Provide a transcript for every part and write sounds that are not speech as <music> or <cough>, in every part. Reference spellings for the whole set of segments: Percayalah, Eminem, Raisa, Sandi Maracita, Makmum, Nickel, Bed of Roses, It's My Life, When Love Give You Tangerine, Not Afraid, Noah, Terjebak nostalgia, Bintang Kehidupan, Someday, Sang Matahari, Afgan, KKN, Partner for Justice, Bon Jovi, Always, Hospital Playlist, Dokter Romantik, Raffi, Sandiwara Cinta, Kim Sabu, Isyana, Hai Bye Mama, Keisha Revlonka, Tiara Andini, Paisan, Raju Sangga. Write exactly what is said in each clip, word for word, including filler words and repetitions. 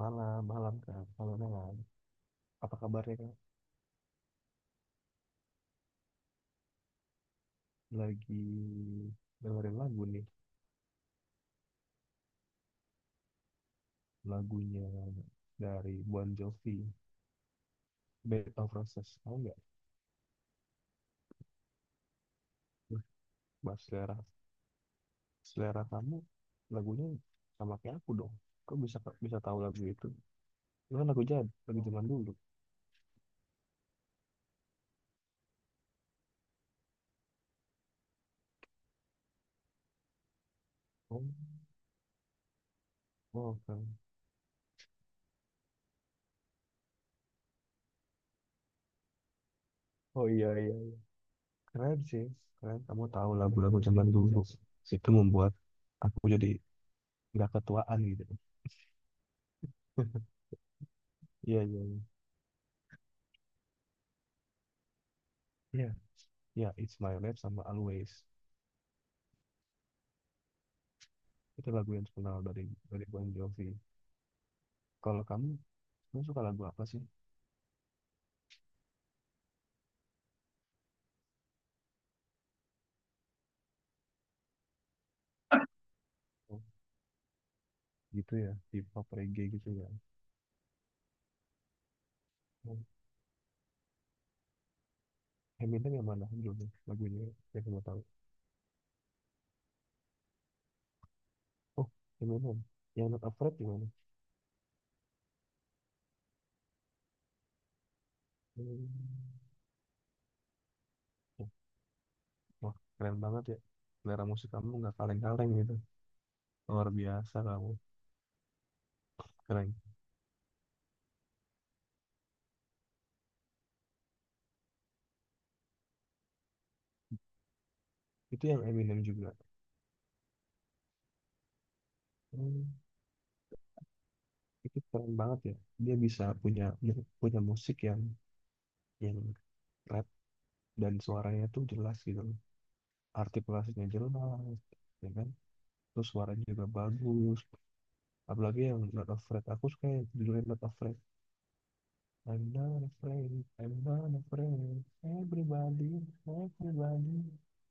Malam, malam Kak. Malam, malam. Apa kabarnya Kak? Lagi dengerin lagu nih. Lagunya dari Bon Jovi, Bed of Roses. Tahu nggak? Wih, bahas selera. Selera kamu lagunya sama kayak aku dong. Kok bisa bisa tahu lagu itu? Itu kan lagu jad, lagu zaman dulu. Oh, oh, keren. Oh iya iya. Keren sih. Keren kamu tahu lagu-lagu zaman dulu. Itu membuat aku jadi nggak ketuaan gitu. <laughs> Iya iya. Iya. Iya, ya, It's My Life sama Always. Itu lagu yang terkenal dari dari Bon Jovi. Kalau kamu, kamu suka lagu apa sih? Oh, gitu ya, hip hop reggae gitu ya. Oh, Eminem yang mana? Belum ya, lagunya yang kamu tahu. Oh, Eminem. Yang Not Afraid gimana? Hmm. Oh, wah, keren banget ya. Selera musik kamu nggak kaleng-kaleng gitu. Luar biasa kamu. Keren. Itu yang Eminem juga. Hmm, itu keren banget ya. Dia bisa punya punya musik yang yang rap dan suaranya tuh jelas gitu, artikulasinya jelas ya kan, terus suaranya juga bagus, apalagi yang Not Afraid. Aku suka yang judulnya Not Afraid. I'm not afraid, I'm not afraid, everybody, everybody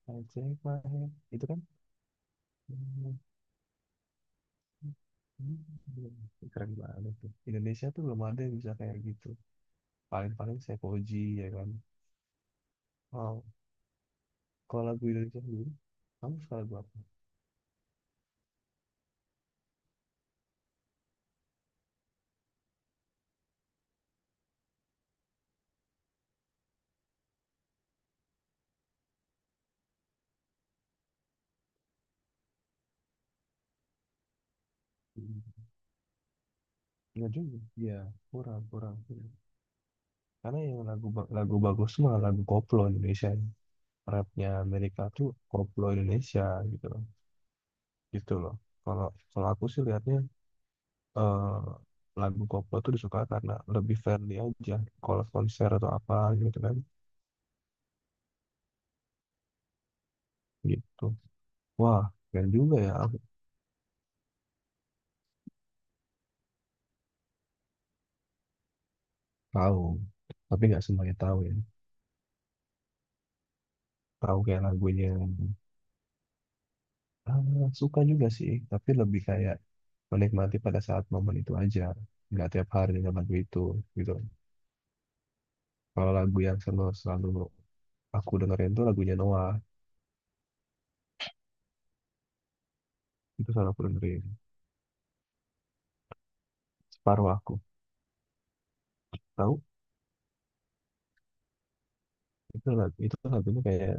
I take my hand, itu kan. Hmm, Keren banget tuh. Indonesia tuh belum ada yang bisa kayak gitu, paling-paling saya Koji ya kan. Wow, kalau lagu Indonesia sendiri, kamu suka lagu apa? Enggak juga ya, kurang kurang. Karena yang lagu ba- lagu bagus mah lagu koplo Indonesia. Rapnya Amerika tuh koplo Indonesia gitu loh. Gitu loh. Kalau kalau aku sih lihatnya, eh, lagu koplo tuh disuka karena lebih friendly aja. Kalau konser atau apa gitu kan. Gitu. Wah, keren juga ya. Aku tahu. Tapi nggak semuanya tahu ya. Tahu kayak lagunya. Ah, suka juga sih. Tapi lebih kayak menikmati pada saat momen itu aja. Nggak tiap hari dengan lagu itu gitu. Kalau lagu yang selalu selalu aku dengerin tuh lagunya Noah, itu selalu aku dengerin. Separuh aku tahu. Itu lagu itu lagunya kayak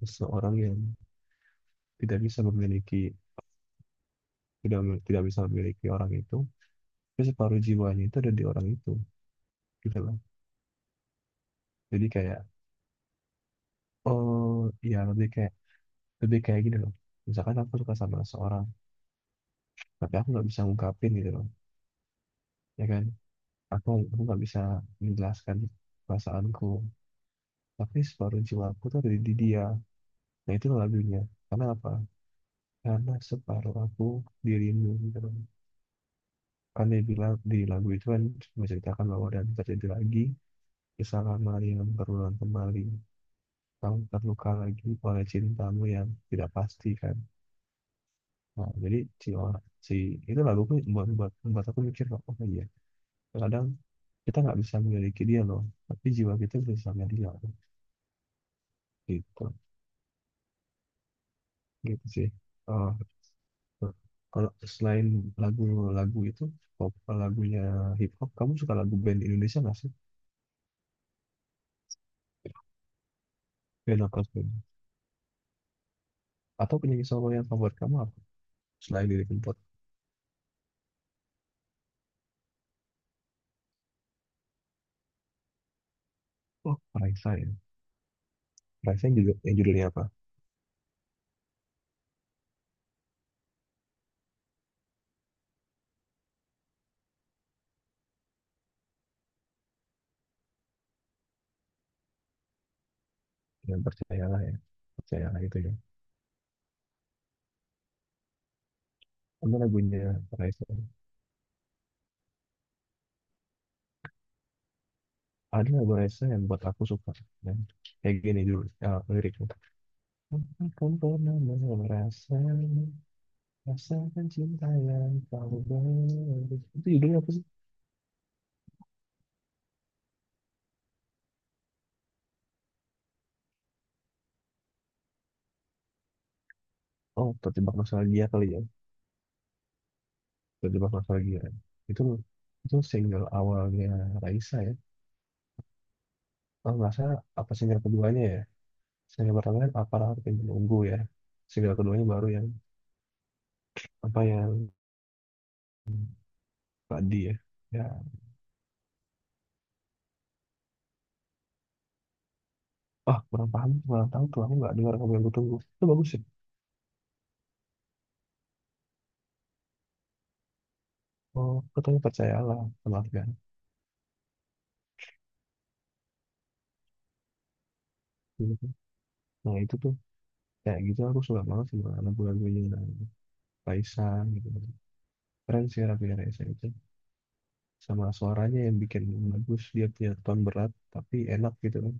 seseorang yang tidak bisa memiliki, tidak tidak bisa memiliki orang itu, tapi separuh jiwanya itu ada di orang itu gitu loh. Jadi kayak, oh ya, lebih kayak lebih kayak gini loh, misalkan aku suka sama seseorang tapi aku nggak bisa ngungkapin gitu loh, ya kan. Aku aku nggak bisa menjelaskan perasaanku, tapi separuh jiwaku tuh ada di, di dia. Nah, itu lagunya. Karena apa? Karena separuh aku dirimu gitu kan. Kan dia bilang di lagu itu, kan menceritakan bahwa dan terjadi lagi kesalahan Maria yang berulang kembali. Kamu terluka lagi oleh cintamu yang tidak pasti kan. Nah, jadi si orang si itu lagu tuh buat, buat buat aku mikir kok, oh iya. Kadang kita nggak bisa memiliki dia loh, tapi jiwa kita bisa sama dia gitu, gitu sih. Oh, gitu. Kalau selain lagu-lagu itu, pop, lagunya hip hop, kamu suka lagu band Indonesia nggak sih? Band of Cosby. Atau penyanyi solo yang favorit kamu apa? Selain Lily Kempot. Oh, Raisa ya. Raisa yang, judul, yang judulnya apa? Yang Percayalah ya. Percayalah itu ya. Ada lagunya Raisa. Ada lagu Raisa yang buat aku suka. Dan kayak gini dulu, ya liriknya. Akan pernah merasa rasakan cinta yang kau beri. Itu judulnya apa sih? Oh, terjebak nostalgia kali ya. Terjebak nostalgia. Itu itu single awalnya Raisa ya. Oh, nggak salah apa single keduanya ya? Single pertama kan aparat yang menunggu ya. Single keduanya baru yang apa, yang tadi ya. Ya, ah, kurang paham, kurang tahu tuh, aku nggak dengar kamu yang kutunggu. Itu bagus sih. Oh, katanya percayalah sama Afgan. Gitu kan. Nah, itu tuh kayak gitu, aku suka banget sama lagu-lagunya Paisan gitu. Keren sih Raffi Raisa itu. Sama suaranya yang bikin bagus, dia punya tone berat tapi enak gitu kan.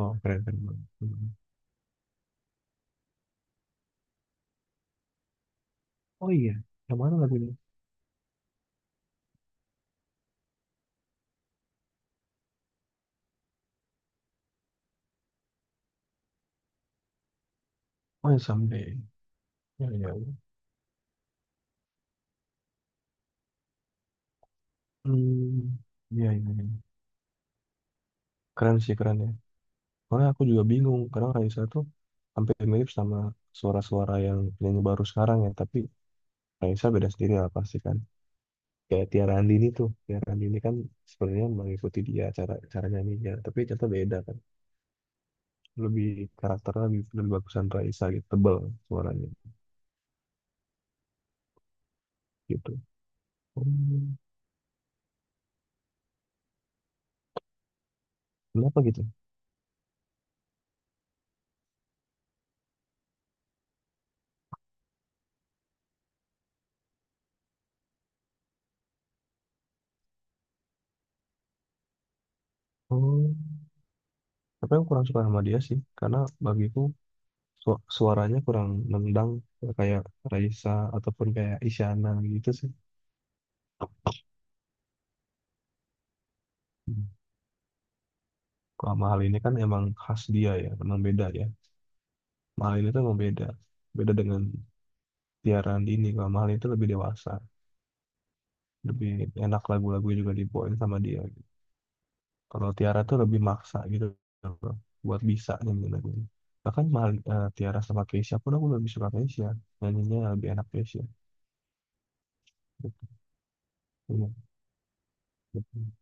Oh, keren keren banget. Hmm. Oh iya, yang mana lagunya? Oh, yang Someday. Ya ya. Ya. Hmm, iya iya. Iya. Keren sih, keren ya. Soalnya aku juga bingung karena Raisa tuh hampir mirip sama suara-suara yang penyanyi baru sekarang ya. Tapi Raisa beda sendiri lah pasti kan. Kayak Tiara Andini tuh. Tiara Andini kan sebenarnya mengikuti dia, cara cara nyanyinya. Tapi ternyata beda kan. Lebih karakternya lebih, lebih bagusan Raisa gitu. Tebel suaranya gitu. Hmm, Kenapa gitu? Oh, tapi aku kurang suka sama dia sih. Karena bagiku su- suaranya kurang nendang kayak Raisa ataupun kayak Isyana gitu sih. Hmm. Kalau mahal ini kan emang khas dia ya, memang beda ya. Mahal ini tuh emang beda. Beda dengan Tiara ini. Kalau mahal itu lebih dewasa, lebih enak lagu-lagu juga dibawain sama dia, gitu. Kalau Tiara tuh lebih maksa gitu bro, buat bisa nyanyiin lagunya. Bahkan mahal eh, Tiara sama Keisha pun aku lebih suka Keisha. Nyanyinya lebih enak Keisha. Gitu. Iya, gitu.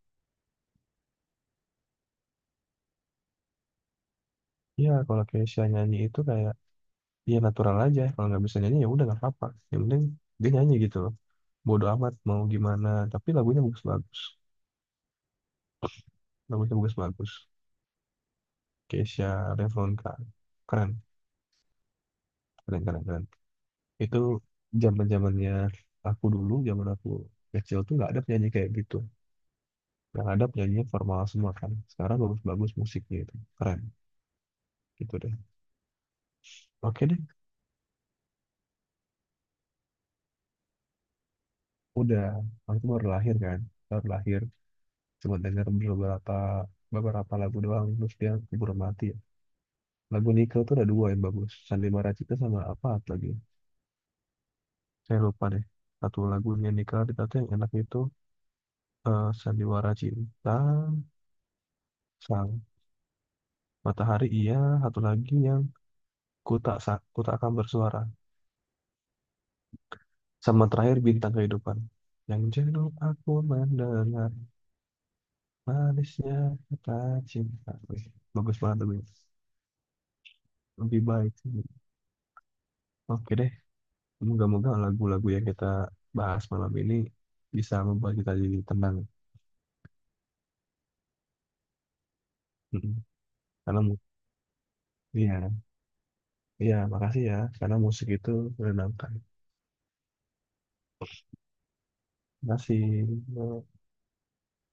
Iya, kalau Keisha nyanyi itu kayak ya natural aja. Kalau nggak bisa nyanyi ya udah nggak apa-apa. Yang penting dia nyanyi gitu loh. Bodo amat mau gimana, tapi lagunya bagus-bagus. Bagusnya bagus-bagus. Keisha Revlonka. Keren, keren, keren, keren. Itu zaman zamannya aku dulu, zaman aku kecil tuh nggak ada penyanyi kayak gitu. Yang ada penyanyi formal semua kan. Sekarang bagus-bagus musiknya itu. Keren, gitu deh. Oke deh, udah. Aku baru lahir kan. Baru lahir. Cuma denger beberapa beberapa lagu doang. Terus dia keburu mati ya. Lagu Nickel tuh ada dua yang bagus. Sandi Maracita sama apa lagi. Saya lupa deh, satu lagunya Nika Ritata yang enak itu, eh, Sandiwara Cinta, Sang Matahari, iya. Satu lagi yang ku tak sa- ku tak akan bersuara. Sama terakhir Bintang Kehidupan. Yang jenuh aku mendengar manisnya kata cinta. Wih, bagus banget lagunya. Lebih baik. Oke deh, moga-moga lagu-lagu yang kita bahas malam ini bisa membuat kita jadi tenang. Mm-mm. Karena mu- iya, iya, makasih ya. Karena musik itu menenangkan. Makasih.